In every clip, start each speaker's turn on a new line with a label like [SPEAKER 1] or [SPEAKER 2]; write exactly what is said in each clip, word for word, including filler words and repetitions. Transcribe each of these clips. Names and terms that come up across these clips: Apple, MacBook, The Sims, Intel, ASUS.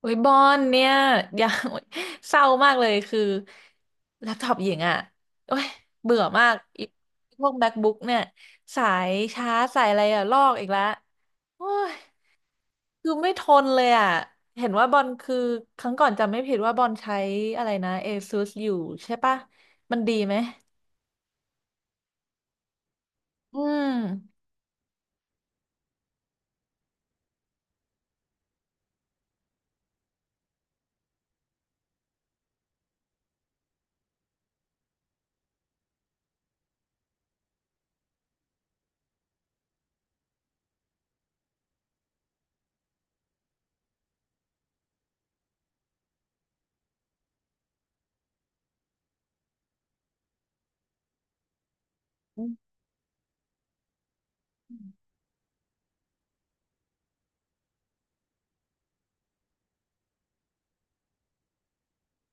[SPEAKER 1] โอ้ยบอนเนี่ย อย่าโอ๊ยเศร้ามากเลยคือแล็ปท็อปหญิงอ่ะโอ้ยเบื่อมากอีพวก MacBook เนี่ยสายชาร์จสายอะไรอ่ะลอกอีกแล้วโอ้ยคือไม่ทนเลยอ่ะเห็นว่าบอลคือครั้งก่อนจำไม่ผิดว่าบอลใช้อะไรนะ เอซุส อยู่ใช่ปะมันดีไหมอืม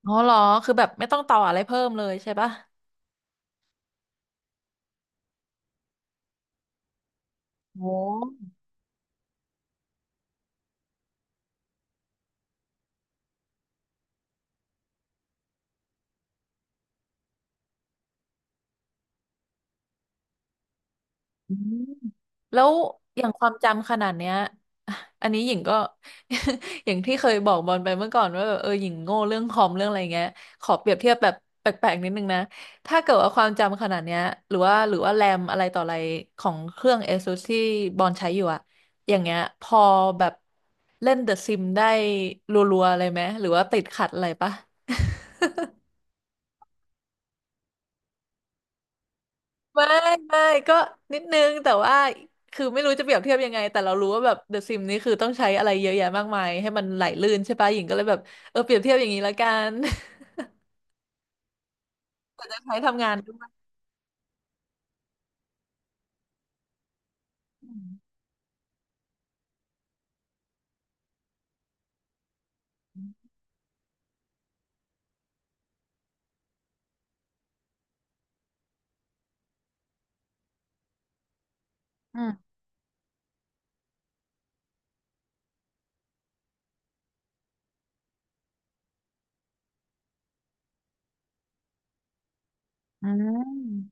[SPEAKER 1] อ๋อเหรอคือแบบไม่ต้องต่ออะไรเพิ่มเลยใช่ปะโห อืมแล้วอย่างความจำขนาดเนี้ย อันนี้หญิงก็ อย่างที่เคยบอกบอลไปเมื่อก่อนว่าแบบเออหญิงโง่เรื่องคอมเรื่องอะไรเงี้ยขอเปรียบเทียบแบบแปลกๆนิดนึงนะถ้าเกิดว่าความจำขนาดเนี้ยหรือว่าหรือว่าแรมอะไรต่ออะไรของเครื่อง เอซุส ที่บอลใช้อยู่อะอย่างเงี้ยพอแบบเล่นเดอะซิมได้รัวๆอะไรไหมหรือว่าติดขัดอะไรปะ ไม่ไม่ก็นิดนึงแต่ว่าคือไม่รู้จะเปรียบเทียบยังไงแต่เรารู้ว่าแบบเดอะซิมนี่คือต้องใช้อะไรเยอะแยะมากมายให้มันไหลลื่นใช่ปะหญิงก็เลยแบบเออเปรียบเทียบอย่างนี้ละกัน จะใช้ทำงานด้วยอืมอืม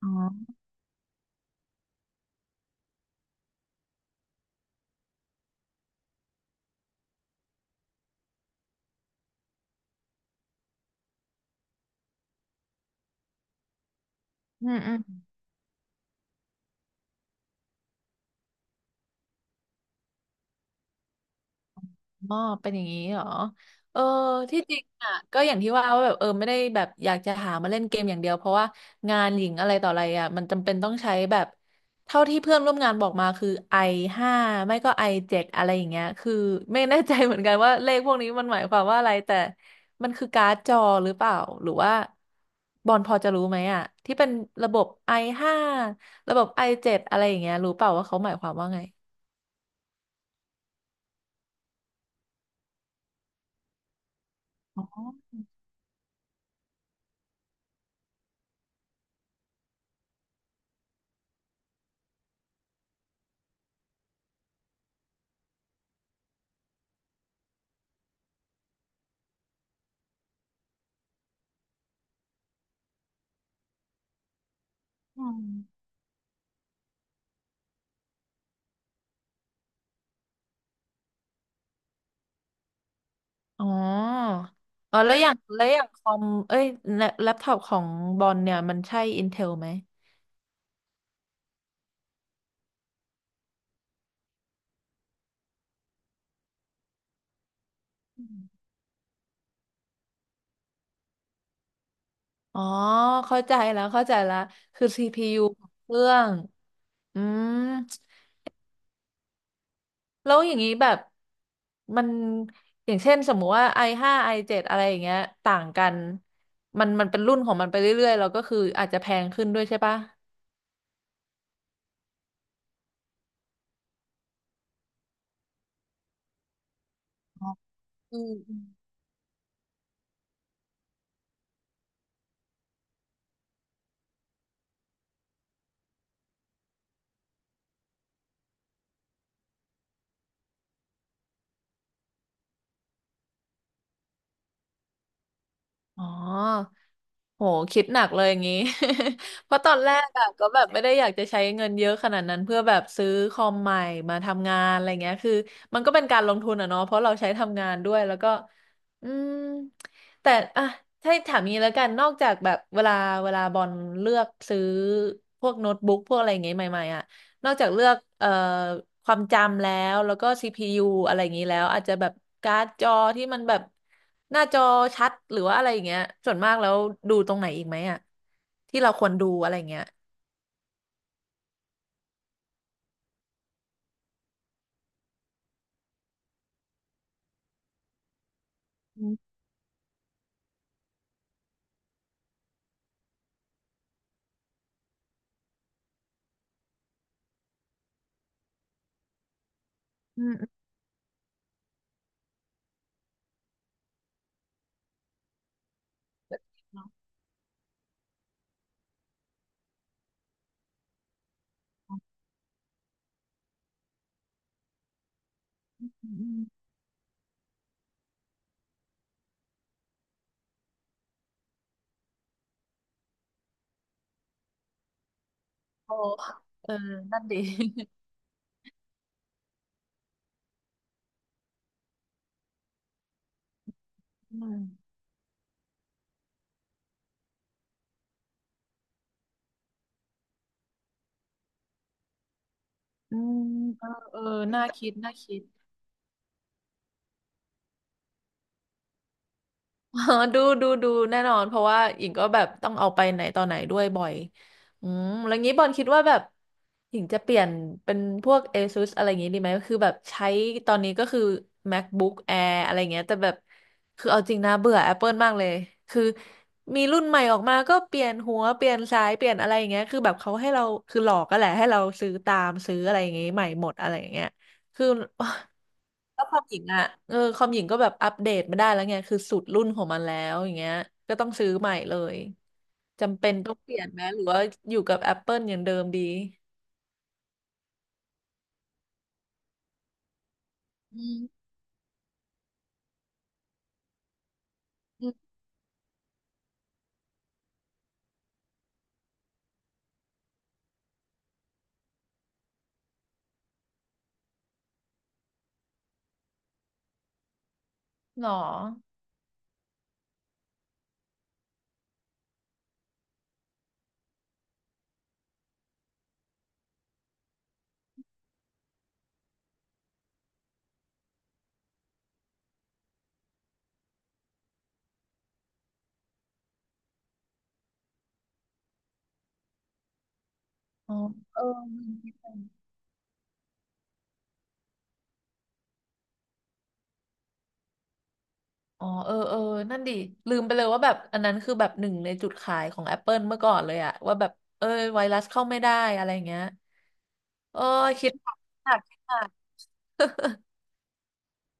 [SPEAKER 1] อ๋ออืมอืม อ๋อเป็นอย่างนี้เหรอเออที่จริงอ่ะก็อย่างที่ว่าว่าแบบเออไม่ได้แบบอยากจะหามาเล่นเกมอย่างเดียวเพราะว่างานหญิงอะไรต่ออะไรอ่ะมันจำเป็นต้องใช้แบบเท่าที่เพื่อนร่วมงานบอกมาคือไอห้าไม่ก็ไอเจ็ดอะไรอย่างเงี้ยคือไม่แน่ใจเหมือนกันว่าเลขพวกนี้มันหมายความว่าอะไรแต่มันคือการ์ดจอหรือเปล่าหรือว่าบอลพอจะรู้ไหมอ่ะที่เป็นระบบ i ห้าระบบ i เจ็ดอะไรอย่างเงี้ยรู้เปล่าว่าเขาหมายความว่าไงอืม อ๋ออ๋อ แล้วอย่างแล้วอย่างคอมเอ้ยแล็ปแล็ปท็อปของบอลเนี่ยมันใช่ Intel ไหมอืมอ๋อเข้าใจแล้วเข้าใจแล้วคือ ซี พี ยู ของเครื่อง อืม แล้วอย่างนี้แบบมันอย่างเช่นสมมุติว่า ไอ ไฟว์ ไอ เซเว่น อเจ็ดอะไรอย่างเงี้ยต่างกันมันมันเป็นรุ่นของมันไปเรื่อยๆแล้วก็คืออาจจะแพงขึ้นด้วยใช่ปะอืม อ๋อโหคิดหนักเลยอย่างนี้ เพราะตอนแรกอะก็แบบไม่ได้อยากจะใช้เงินเยอะขนาดนั้นเพื่อแบบซื้อคอมใหม่มาทำงานอะไรเงี้ยคือมันก็เป็นการลงทุนอะเนาะเพราะเราใช้ทำงานด้วยแล้วก็อืมแต่อะถ้าถามงี้แล้วกันนอกจากแบบเวลาเวลาบอลเลือกซื้อพวกโน้ตบุ๊กพวกอะไรอย่างเงี้ยใหม่ๆอะ นอกจากเลือกเอ่อความจำแล้วแล้วก็ ซี พี ยู อะไรอย่างนี้แล้วอาจจะแบบการ์ดจอที่มันแบบหน้าจอชัดหรือว่าอะไรอย่างเงี้ยส่วนมากแล้วดูตรงไหนอีกไหมอ่ะที่เราควรดูอะไรอย่างเงี้ยอืมอืมอืมอืมอืมโอ้เออนั่นดีอืมอืมเออเออน่าคิดน่าคิด เออดูดูดูแน่นอนเพราะว่าหญิงก็แบบต้องเอาไปไหนต่อไหนด้วยบ่อยอืมแล้วงี้บอลคิดว่าแบบหญิงจะเปลี่ยนเป็นพวก เอซุส อะไรอย่างงี้ดีไหมคือแบบใช้ตอนนี้ก็คือ MacBook Air อะไรเงี้ยแต่แบบคือเอาจริงนะเบื่อ Apple มากเลย คือมีรุ่นใหม่ออกมาก็เปลี่ยนหัวเปลี่ยนสายเปลี่ยนอะไรอย่างเงี้ยคือแบบเขาให้เราคือหลอกก็แหละให้เราซื้อตามซื้ออะไรอย่างงี้ใหม่หมดอะไรอย่างเงี้ยคือ แล้วความหญิงอ่ะเออความหญิงก็แบบอัปเดตไม่ได้แล้วไงคือสุดรุ่นของมันแล้วอย่างเงี้ยก็ต้องซื้อใหม่เลยจำเป็นต้องเปลี่ยนไหมหรือว่าอยู่กับ Apple อย่างเดิมดีอืมอืมหรออ๋อเออลืมคิดไปอ๋อเออเออนั่นดิลืมไปเลยว่าแบบอันนั้นคือแบบหนึ่งในจุดขายของ Apple เมื่อก่อนเลยอะว่าแบบเออไวรัสเข้าไม่ได้อะไรเงี้ยเออคิดหนักคิดหนัก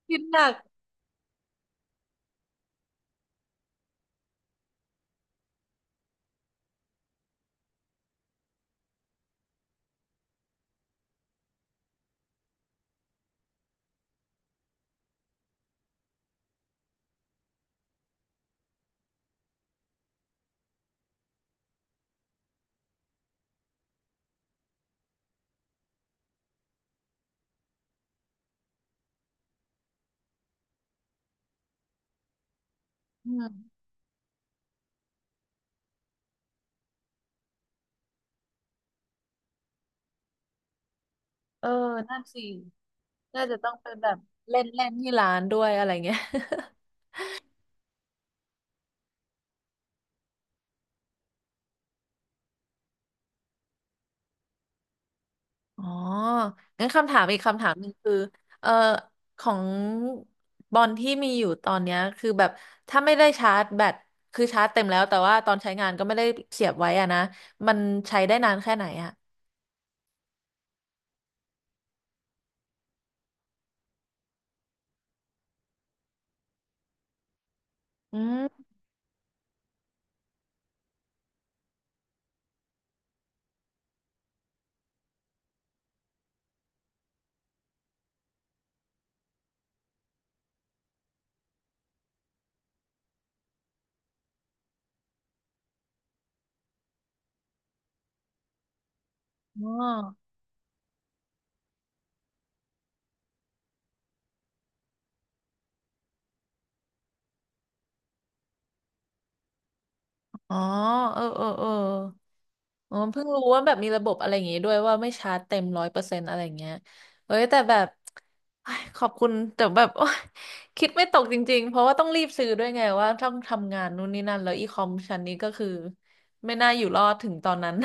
[SPEAKER 1] คิดหนักอืมเออนั่นสิ น่าจะต้องเป็นแบบเล่นเล่นที่ร้านด้วยอะไรเงี้ย อ๋องั้นคำถามอีกคำถามหนึ่งคือเอ่อของบอลที่มีอยู่ตอนเนี้ยคือแบบถ้าไม่ได้ชาร์จแบตคือชาร์จเต็มแล้วแต่ว่าตอนใช้งานก็ไม่ได้เสียบไว้อะนะมันใช้ได้นานแค่ไหนอะอืมอ๋อ อ๋อเออเออเออ อ๋อเพิ่งรู้ว่าแบบมีระบบอะไรอย่างงี้ด้วยว่าไม่ชาร์จเต็มร้อยเปอร์เซ็นต์อะไรอย่างเงี้ยเอ้ยแต่แบบเอ้ยขอบคุณแต่แบบโอ๊ยคิดไม่ตกจริงๆเพราะว่าต้องรีบซื้อด้วยไงว่าต้องทำงานนู่นนี่นั่นแล้วอีคอมชั้นนี้ก็คือไม่น่าอยู่รอดถึงตอนนั้น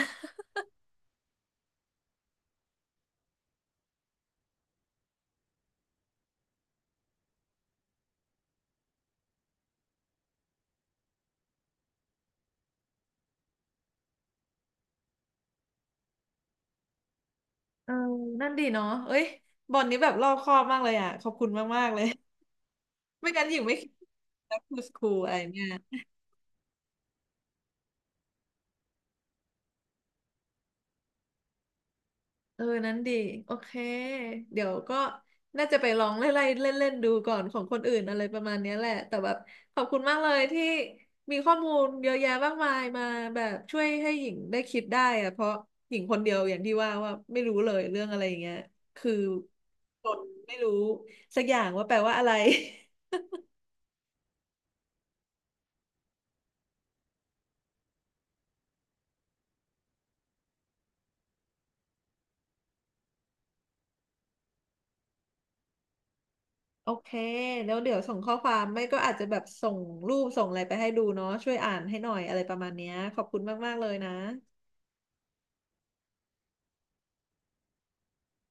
[SPEAKER 1] เออนั่นดีเนาะเอ้ยบอลนี้แบบรอบคอบมากเลยอ่ะขอบคุณมากๆเลยไม่งั้นหญิงไม่คิดแล้วคทูสคูลอะไรเนี่ย เออนั้นดีโอเคเดี๋ยวก็น่าจะไปลองไล่ๆเล่นๆดูก่อนของคนอื่นอะไรประมาณเนี้ยแหละแต่แบบขอบคุณมากเลยที่มีข้อมูลเยอะแยะมากมายมาแบบช่วยให้หญิงได้คิดได้อะเพราะหญิงคนเดียวอย่างที่ว่าว่าไม่รู้เลยเรื่องอะไรอย่างเงี้ยคือคนไม่รู้สักอย่างว่าแปลว่าอะไร โอเคแล้วเดี๋ยวส่งข้อความไม่ก็อาจจะแบบส่งรูปส่งอะไรไปให้ดูเนาะช่วยอ่านให้หน่อยอะไรประมาณเนี้ยขอบคุณมากๆเลยนะ